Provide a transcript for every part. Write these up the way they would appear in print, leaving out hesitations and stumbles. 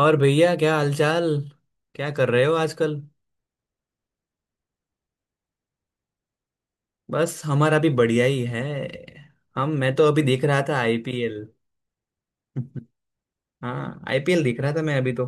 और भैया क्या हालचाल? क्या कर रहे हो आजकल? बस हमारा भी बढ़िया ही है। हम मैं तो अभी देख रहा था आईपीएल। हाँ, आईपीएल देख रहा था मैं अभी तो।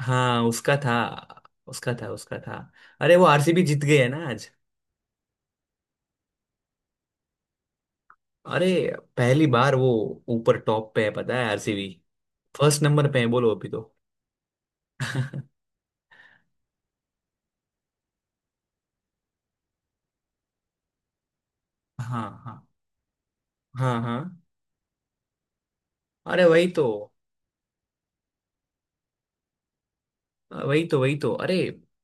हाँ, उसका था। उसका था। अरे वो आरसीबी जीत गई है ना आज। अरे पहली बार वो ऊपर टॉप पे है, पता है? आरसीबी फर्स्ट नंबर पे है, बोलो अभी तो। हाँ, हाँ हाँ हाँ। अरे वही तो। हाँ, वही तो। अरे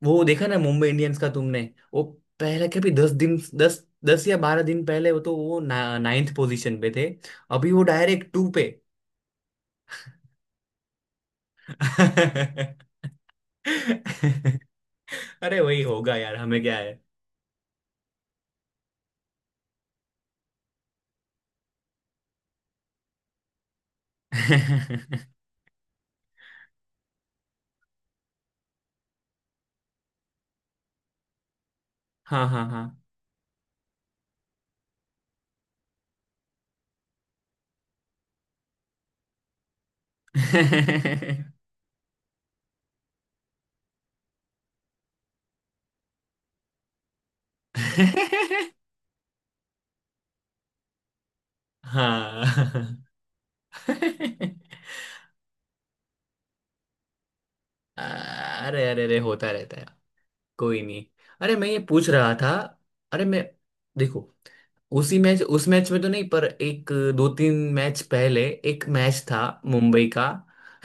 वो देखा ना मुंबई इंडियंस का तुमने? वो पहले कभी दस दिन, दस दस या बारह दिन पहले वो तो नाइन्थ पोजीशन पे थे। अभी वो डायरेक्ट टू पे। अरे वही होगा यार, हमें क्या है। हाँ हाँ हाँ। हाँ। अरे अरे अरे, होता रहता है, कोई नहीं। अरे मैं ये पूछ रहा था, अरे मैं, देखो, उसी मैच उस मैच में तो नहीं पर एक, दो तीन मैच पहले एक मैच था मुंबई का,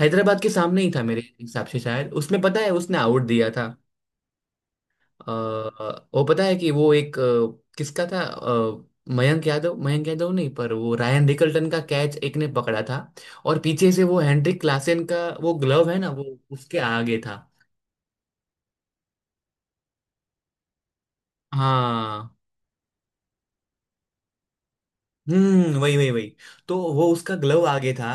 हैदराबाद के सामने ही था मेरे हिसाब से शायद। उसमें पता है उसने आउट दिया था अ, वो, पता है कि वो एक, किसका था, मयंक यादव नहीं पर वो रायन रिकल्टन का कैच एक ने पकड़ा था और पीछे से वो हेंड्रिक क्लासेन का वो ग्लव है ना, वो उसके आगे था। हाँ, वही वही वही। तो वो उसका ग्लव आगे था,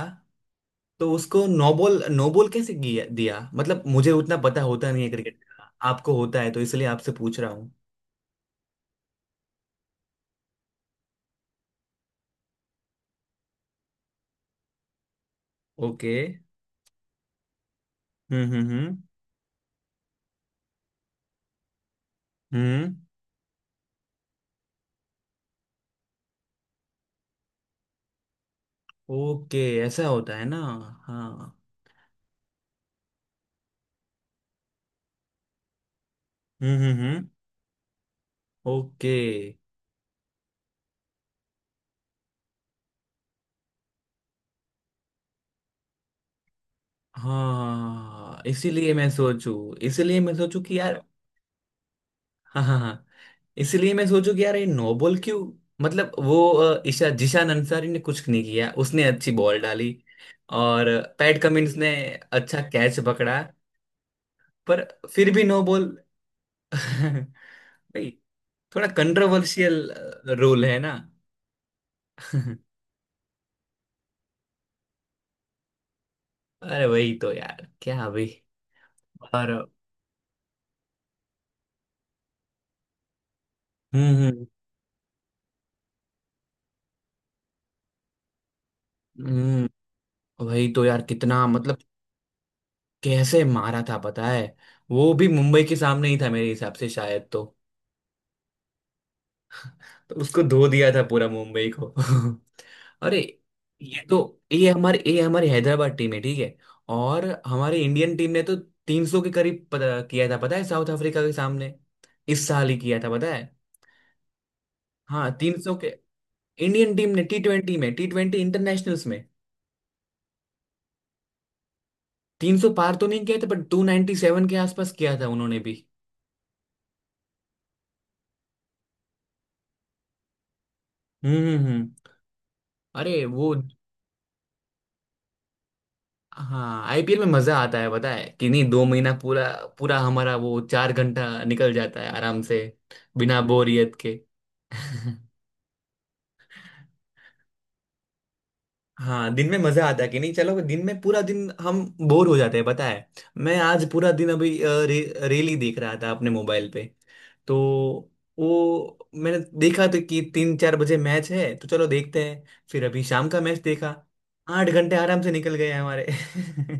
तो उसको नोबॉल, दिया? मतलब मुझे उतना पता होता नहीं है क्रिकेट का। आपको होता है तो इसलिए आपसे पूछ रहा हूँ। ओके। हम्म हम्म हम्म हम्म। ओके। ऐसा होता है ना? हाँ। हम्म हम्म हम्म ओके। हाँ हाँ, हाँ, हाँ, हाँ। इसीलिए मैं सोचू कि यार, हाँ हाँ हाँ, इसलिए मैं सोचू कि यार ये नोबल क्यों? मतलब वो ईशा जिशान अंसारी ने कुछ नहीं किया, उसने अच्छी बॉल डाली और पैट कमिंस ने अच्छा कैच पकड़ा, पर फिर भी नो बॉल। भाई, थोड़ा कंट्रोवर्शियल रूल है ना। अरे वही तो यार। क्या अभी। और। हम्म हम्म हम्म, वही तो यार। कितना मतलब कैसे मारा था, पता है? वो भी मुंबई के सामने ही था मेरे हिसाब से शायद। तो उसको धो दिया था पूरा मुंबई को। अरे ये तो, ये हमारी हैदराबाद टीम है, ठीक है? और हमारी इंडियन टीम ने तो 300 के करीब किया था, पता है, साउथ अफ्रीका के सामने। इस साल ही किया था पता है। हाँ, 300 के, इंडियन टीम ने टी ट्वेंटी इंटरनेशनल्स में 300 पार तो नहीं किया था पर 297 के आसपास किया था उन्होंने भी। हम्म। अरे वो हाँ, आईपीएल में मजा आता है, पता है कि नहीं? दो महीना पूरा, पूरा हमारा वो चार घंटा निकल जाता है आराम से, बिना बोरियत के। हाँ, दिन में मजा आता है कि नहीं। चलो, दिन में पूरा दिन हम बोर हो जाते हैं पता है। मैं आज पूरा दिन अभी रेली देख रहा था अपने मोबाइल पे। तो वो मैंने देखा तो कि तीन चार बजे मैच है, तो चलो देखते हैं। फिर अभी शाम का मैच देखा, आठ घंटे आराम से निकल गए हमारे।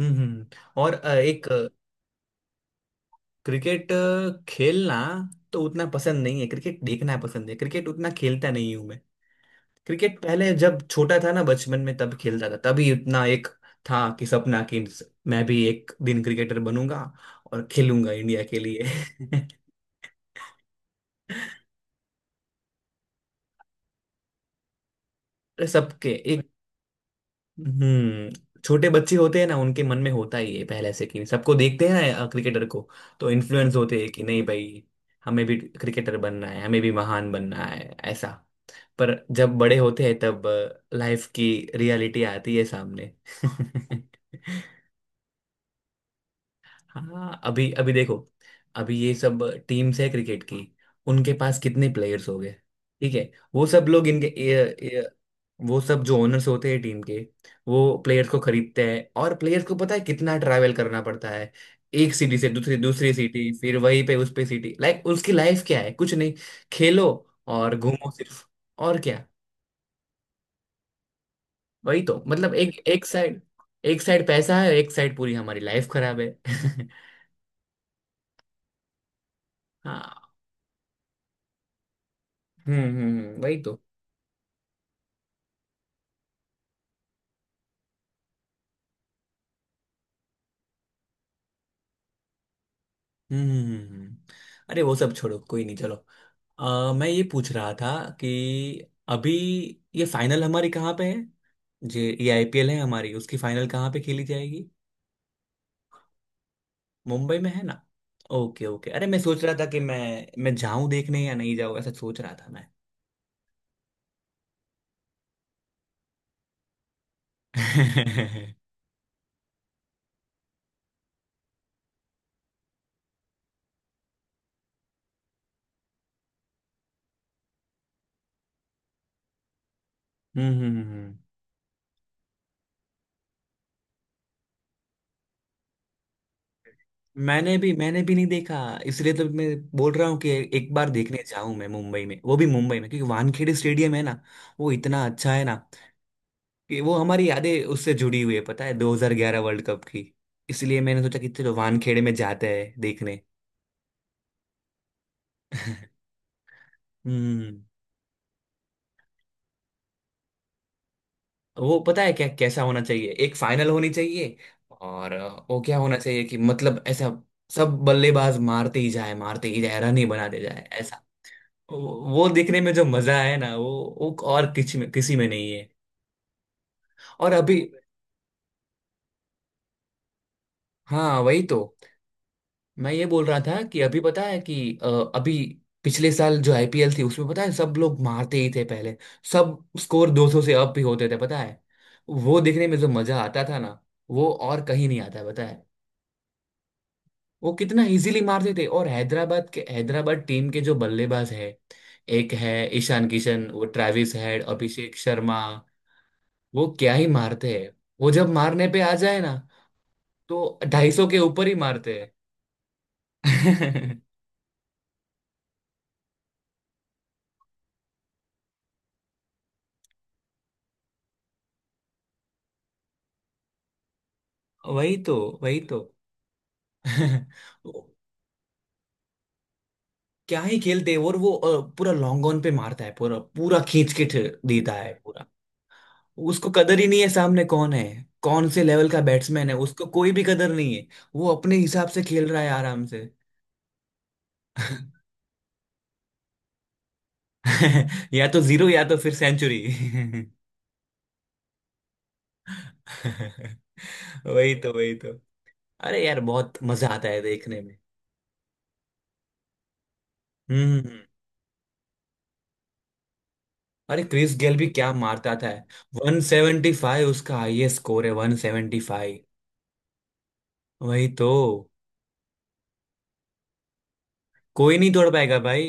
हम्म। और एक, क्रिकेट खेलना तो उतना पसंद नहीं है, क्रिकेट देखना पसंद है, क्रिकेट उतना खेलता नहीं हूं मैं। क्रिकेट पहले जब छोटा था ना बचपन में तब खेलता था, तभी उतना एक था कि, सपना कि मैं भी एक दिन क्रिकेटर बनूंगा और खेलूंगा इंडिया के लिए। सबके एक, हम्म, छोटे बच्चे होते हैं ना, उनके मन में होता ही है पहले से कि सबको देखते हैं ना क्रिकेटर को, तो इन्फ्लुएंस होते हैं कि नहीं भाई, हमें भी क्रिकेटर बनना है, हमें भी महान बनना है, ऐसा। पर जब बड़े होते हैं तब लाइफ की रियलिटी आती है सामने। हाँ, अभी अभी देखो, अभी ये सब टीम्स है क्रिकेट की, उनके पास कितने प्लेयर्स हो गए, ठीक है? वो सब लोग इनके वो सब जो ओनर्स होते हैं टीम के, वो प्लेयर्स को खरीदते हैं और प्लेयर्स को पता है कितना ट्रैवल करना पड़ता है। एक सिटी से दूसरी दूसरी सिटी, फिर वहीं पे उस पे सिटी, लाइक उसकी लाइफ क्या है, कुछ नहीं, खेलो और घूमो सिर्फ, और क्या। वही तो, मतलब एक, एक साइड, एक साइड पैसा है, एक साइड पूरी हमारी लाइफ खराब है। हाँ, वही तो। हम्म हम्म, हम्म। अरे वो सब छोड़ो, कोई नहीं, चलो, मैं ये पूछ रहा था कि अभी ये फाइनल हमारी कहाँ पे है, जे ये आईपीएल है हमारी, उसकी फाइनल कहाँ पे खेली जाएगी? मुंबई में है ना? Okay okay. अरे मैं सोच रहा था कि मैं जाऊं देखने या नहीं जाऊं, ऐसा सोच रहा था मैं। हम्म हम्म हम्म, हम्म। मैंने भी नहीं देखा, इसलिए तो मैं बोल रहा हूँ कि एक बार देखने जाऊं मैं मुंबई में, वो भी मुंबई में क्योंकि वानखेड़े स्टेडियम है ना, वो इतना अच्छा है ना कि वो हमारी यादें उससे जुड़ी हुई है, पता है, 2011 वर्ल्ड कप की। इसलिए मैंने सोचा कि चलो वानखेड़े में जाते हैं देखने। हम्म। वो पता है क्या कैसा होना चाहिए, एक फाइनल होनी चाहिए और वो क्या होना चाहिए कि मतलब ऐसा, सब बल्लेबाज मारते ही जाए, मारते ही जाए, रन ही बनाते जाए। वो देखने में जो मजा है ना, वो और किसी में, नहीं है। और अभी, हाँ वही तो, मैं ये बोल रहा था कि अभी पता है कि, अ, अभी पिछले साल जो आईपीएल थी उसमें पता है सब लोग मारते ही थे पहले, सब स्कोर 200 से अप भी होते थे, पता है। वो देखने में जो मजा आता था ना, वो और कहीं नहीं आता है पता है। वो कितना इजीली मारते थे। और हैदराबाद के, हैदराबाद टीम के जो बल्लेबाज है, एक है ईशान किशन, वो ट्रेविस हेड, अभिषेक शर्मा, वो क्या ही मारते हैं। वो जब मारने पे आ जाए ना, तो 250 के ऊपर ही मारते हैं। वही तो, वही तो। वो क्या ही खेलते हैं। और वो पूरा लॉन्ग ऑन पे मारता है पूरा, देता है पूरा। उसको कदर ही नहीं है सामने कौन है, कौन से लेवल का बैट्समैन है, उसको कोई भी कदर नहीं है। वो अपने हिसाब से खेल रहा है आराम से। या तो जीरो, या तो फिर सेंचुरी। वही तो, वही तो। अरे यार बहुत मजा आता है देखने में। हम्म। अरे क्रिस गेल भी क्या मारता था। 175 उसका हाईएस्ट स्कोर है, 175, वही तो। कोई नहीं तोड़ पाएगा भाई।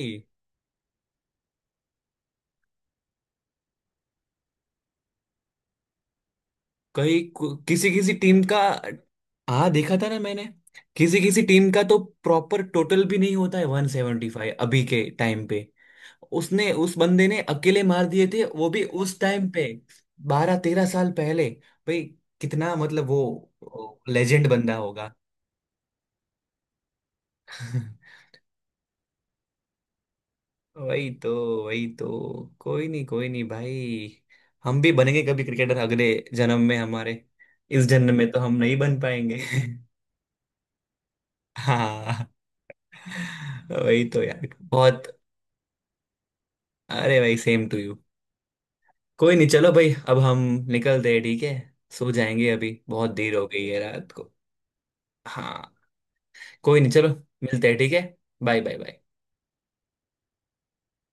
कहीं किसी, किसी टीम का हाँ देखा था ना मैंने। किसी, किसी टीम का तो प्रॉपर टोटल भी नहीं होता है, 175 अभी के टाइम पे। उसने, उस बंदे ने अकेले मार दिए थे वो भी, उस टाइम पे, 12 13 साल पहले। भाई कितना मतलब वो लेजेंड बंदा होगा। वही तो, वही तो। कोई नहीं, कोई नहीं भाई। हम भी बनेंगे कभी क्रिकेटर, अगले जन्म में हमारे। इस जन्म में तो हम नहीं बन पाएंगे। हाँ, वही तो यार बहुत। अरे भाई, सेम टू यू, कोई नहीं, चलो भाई, अब हम निकलते हैं, ठीक है। सो जाएंगे अभी, बहुत देर हो गई है रात को। हाँ, कोई नहीं, चलो, मिलते हैं, ठीक है। Bye, bye, bye.